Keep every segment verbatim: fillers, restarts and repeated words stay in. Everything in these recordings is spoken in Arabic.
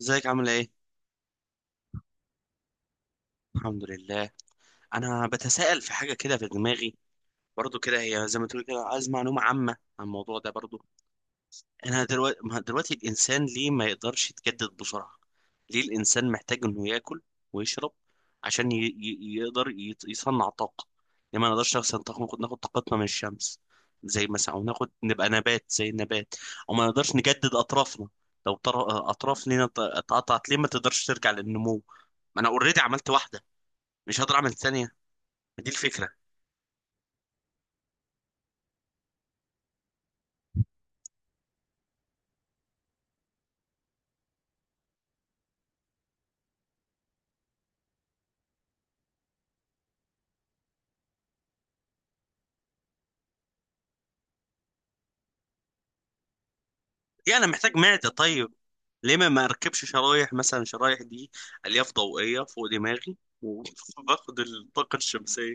ازيك عامل ايه؟ الحمد لله. انا بتساءل في حاجه كده في دماغي برضو، كده هي زي ما تقول كده، عايز معلومه عامه عن الموضوع ده برضو. انا دلوقتي، ما دلوقتي الانسان ليه ما يقدرش يتجدد بسرعه؟ ليه الانسان محتاج انه ياكل ويشرب عشان ي... ي... يقدر يت... يصنع طاقه؟ ليه ما نقدرش مثلا طاقة- ناخد ناخد طاقتنا من الشمس، زي مثلا، او ناخد نبقى نبات زي النبات؟ او ما نقدرش نجدد اطرافنا؟ لو طر... اطراف لينا ت- اتقطعت ليه ما تقدرش ترجع للنمو؟ ما انا اوريدي عملت واحده، مش هقدر اعمل ثانيه؟ دي الفكره. يعني انا محتاج معده، طيب ليه ما ما اركبش شرايح مثلا، شرايح دي الياف ضوئيه فوق دماغي وباخد الطاقه الشمسيه؟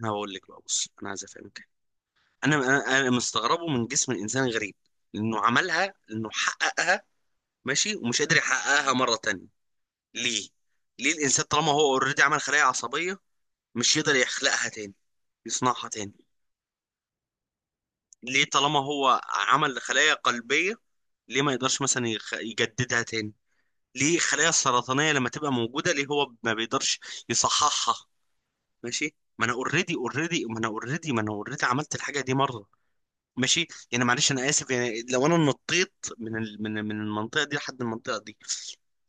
انا هقول لك بقى، بص انا عايز افهمك. انا انا أنا مستغربه من جسم الانسان غريب، لانه عملها، لانه حققها، ماشي، ومش قادر يحققها مره تانية. ليه؟ ليه الانسان طالما هو اوريدي عمل خلايا عصبيه مش يقدر يخلقها تاني، يصنعها تاني؟ ليه طالما هو عمل خلايا قلبية ليه ما يقدرش مثلا يخ- يجددها تاني؟ ليه الخلايا السرطانية لما تبقى موجودة ليه هو ما بيقدرش يصححها؟ ماشي، ما انا اوريدي اوريدي ما انا اوريدي ما انا اوريدي عملت الحاجة دي مرة، ماشي. يعني معلش انا اسف، يعني لو انا نطيت من ال... من من المنطقة دي لحد المنطقة دي،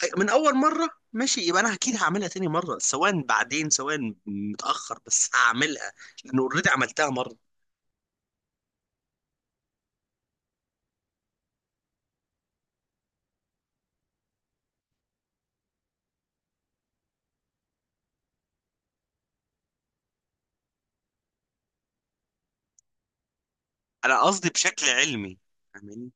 أي- من اول مرة، ماشي، يبقى انا اكيد هعملها تاني مرة، سواء بعدين، سواء متأخر، بس هعملها، لان اوريدي عملتها مرة. انا قصدي بشكل علمي. فاهماني؟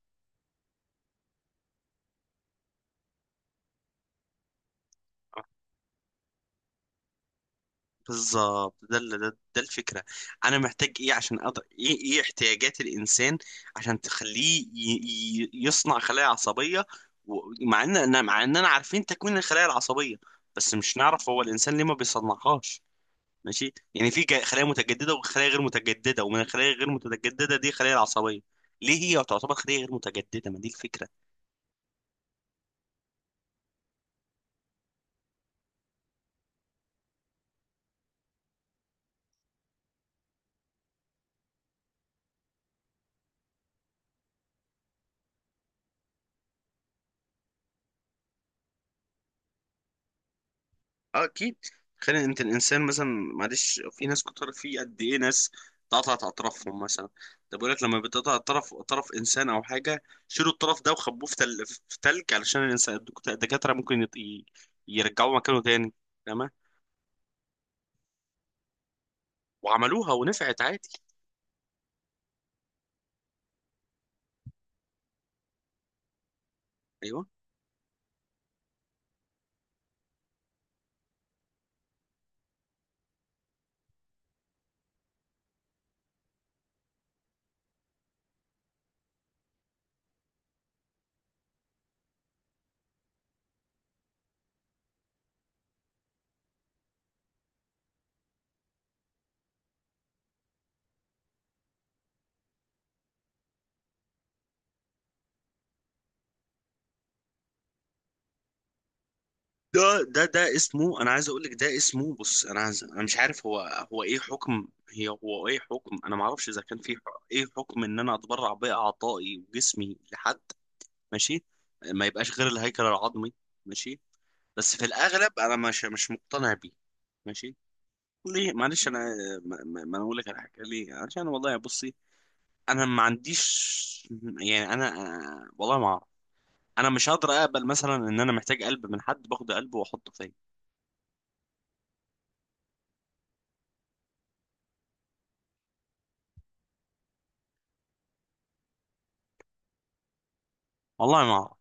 بالظبط، ده ال- ده ده الفكره. انا محتاج ايه عشان أقدر ايه، ايه احتياجات الانسان عشان تخليه ي- ي- يصنع خلايا عصبيه؟ ومع ان أنا- مع اننا عارفين تكوين الخلايا العصبيه، بس مش نعرف هو الانسان ليه ما بيصنعهاش. ماشي، يعني في جا- خلايا متجدده وخلايا غير متجدده، ومن الخلايا غير متجدده دي خلايا العصبيه. ليه هي تعتبر خليه غير متجدده؟ ما دي الفكره. اه اكيد. تخيل انت الانسان مثلا، معلش في ناس كتر، في قد ايه ناس اتقطعت اطرافهم مثلا. ده بيقول لك لما بتقطع طرف طرف انسان او حاجه شيلوا الطرف ده وخبوه في تل... في تلج علشان الانسان الدكت- الدكاتره ممكن يط... ي- يرجعوه مكانه تاني. تمام، وعملوها ونفعت عادي. ايوه. ده ده ده اسمه، انا عايز اقول لك ده اسمه، بص انا عايز، انا مش عارف هو، هو ايه حكم هي، هو ايه حكم انا ما اعرفش اذا كان في ح- ايه حكم ان انا اتبرع باعضائي وجسمي لحد، ماشي، ما يبقاش غير الهيكل العظمي، ماشي. بس في الاغلب انا مش مش مقتنع بيه، ماشي. ليه؟ معلش انا، ما ما- ما انا اقول لك على حاجه ليه. عشان والله بصي، انا ما عنديش، يعني انا، آه، والله ما اعرف. انا مش هقدر اقبل مثلا ان انا محتاج قلب من حد، باخد قلبه واحطه فيا. والله ما اعرف.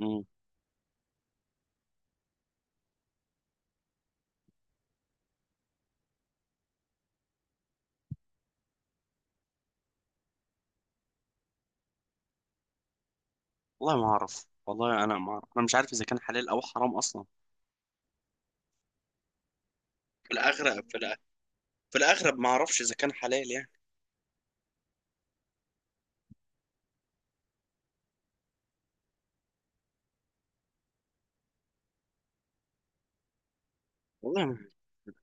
مم. والله ما اعرف، والله انا ما اعرف، انا مش عارف اذا كان حلال او حرام اصلا. في الاغلب، في الأ- في الاغلب ما اعرفش اذا كان حلال يعني. والله ما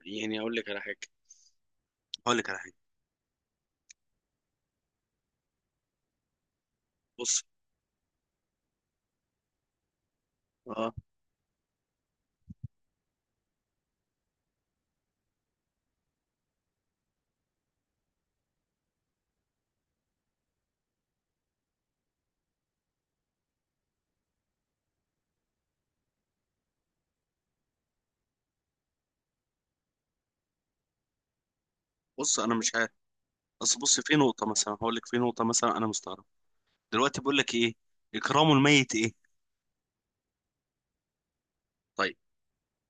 يعني اقول لك على حاجه، اقول لك على حاجه. بص. آه. بص انا مش عارف، بس بص، في نقطه مثلا هقول لك، في نقطه مثلا انا مستغرب. دلوقتي بقول لك ايه، اكرام الميت ايه؟ طيب،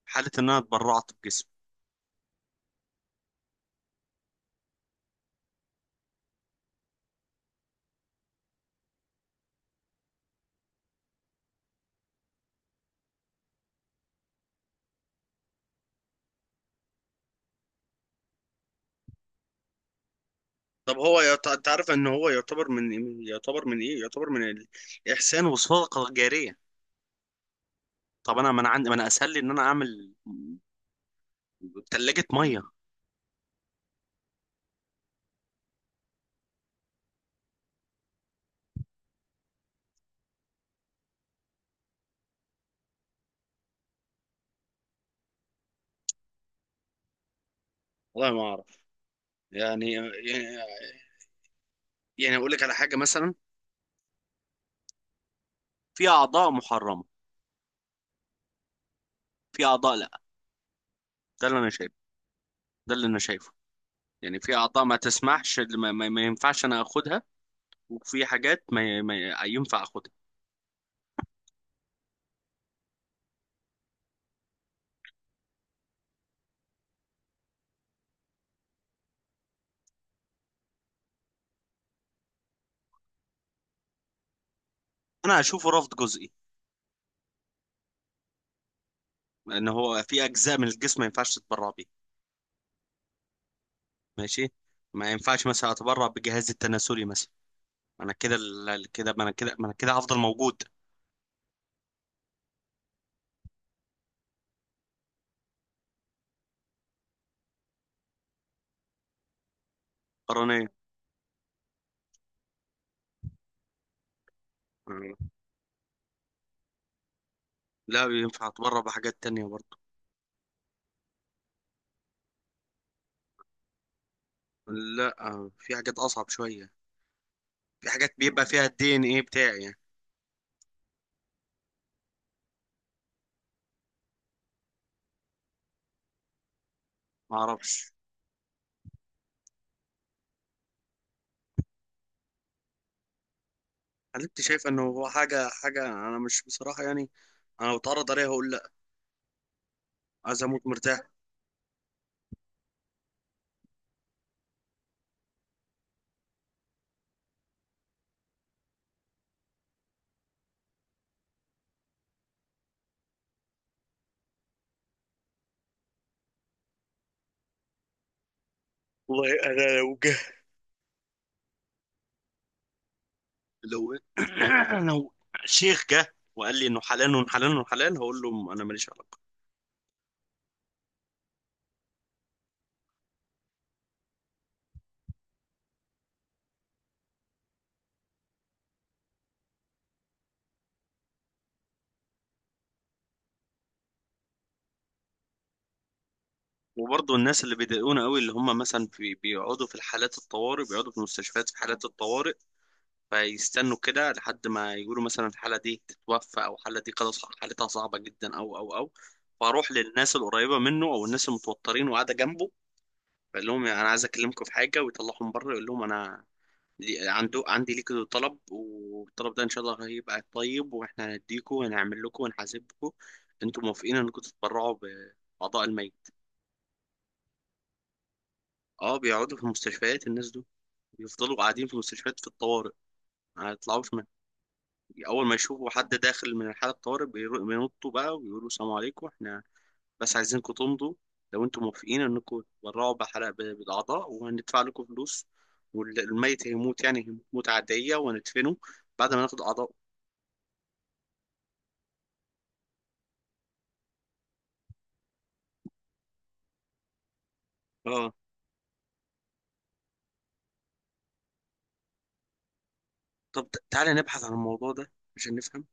حاله ان انا اتبرعت بجسمي. طب هو يعت- انت عارف ان هو يعتبر من إيه؟ يعتبر من ايه، يعتبر من الاحسان والصدقه الجاريه. طب انا، ما انا عندي، ما انا اسهل لي ان انا اعمل ثلاجه ميه. والله ما اعرف، يعني. يعني اقول لك على حاجه مثلا، في اعضاء محرمه، في اعضاء لا. ده اللي انا شايفه، ده اللي انا شايفه. يعني في اعضاء ما تسمحش، ما, ما, ما ينفعش انا اخدها. وفي حاجات ما, ما ينفع اخدها. انا اشوفه رفض جزئي، ان هو في اجزاء من الجسم ما ينفعش تتبرع بيه، ماشي. ما ينفعش مثلا اتبرع بجهازي التناسلي مثلا. انا كده، ال- كده ما انا كده ما انا كده هفضل موجود. قرنيا. لا، ينفع اتبرع بحاجات تانية برضه. لا، في حاجات اصعب شوية، في حاجات بيبقى فيها الدي ان ايه بتاعي يعني. ما اعرفش. هل انت شايف انه هو حاجة، حاجة انا مش بصراحة يعني، انا لو اتعرض عليها هقول لا. عايز اموت مرتاح. والله انا لو جه، لو لو شيخ جه وقال لي انه حلال وحلال وحلال، هقول له انا ماليش علاقه. وبرضه الناس اللي بيضايقونا قوي، اللي هم مثلا في بيقعدوا في الحالات الطوارئ، بيقعدوا في المستشفيات في حالات الطوارئ، فيستنوا كده لحد ما يقولوا مثلا الحاله دي تتوفى او الحاله دي خلاص حالتها صعبه جدا او او او، فاروح للناس القريبه منه او الناس المتوترين وقاعده جنبه، بقول لهم يعني انا عايز اكلمكم في حاجه، ويطلعهم بره، يقول لهم انا لي- عنده عندي ليك طلب، والطلب ده ان شاء الله هيبقى طيب واحنا هنديكوا وهنعمل لكم ونحاسبكم، انتوا موافقين انكم تتبرعوا باعضاء الميت؟ اه، بيقعدوا في المستشفيات الناس دول، بيفضلوا قاعدين في المستشفيات في الطوارئ، ما يطلعوش من، اول ما يشوفوا حد داخل من حالة طوارئ بيرو- بينطوا بقى ويقولوا السلام عليكم، احنا بس عايزينكم تمضوا لو انتم موافقين انكم تتبرعوا بحلقة بالاعضاء، وهندفع لكم فلوس، والميت هيموت يعني هيموت موتة عادية وهندفنه بعد ما ناخد اعضاء. طب ت- تعالى نبحث عن الموضوع ده عشان نفهم.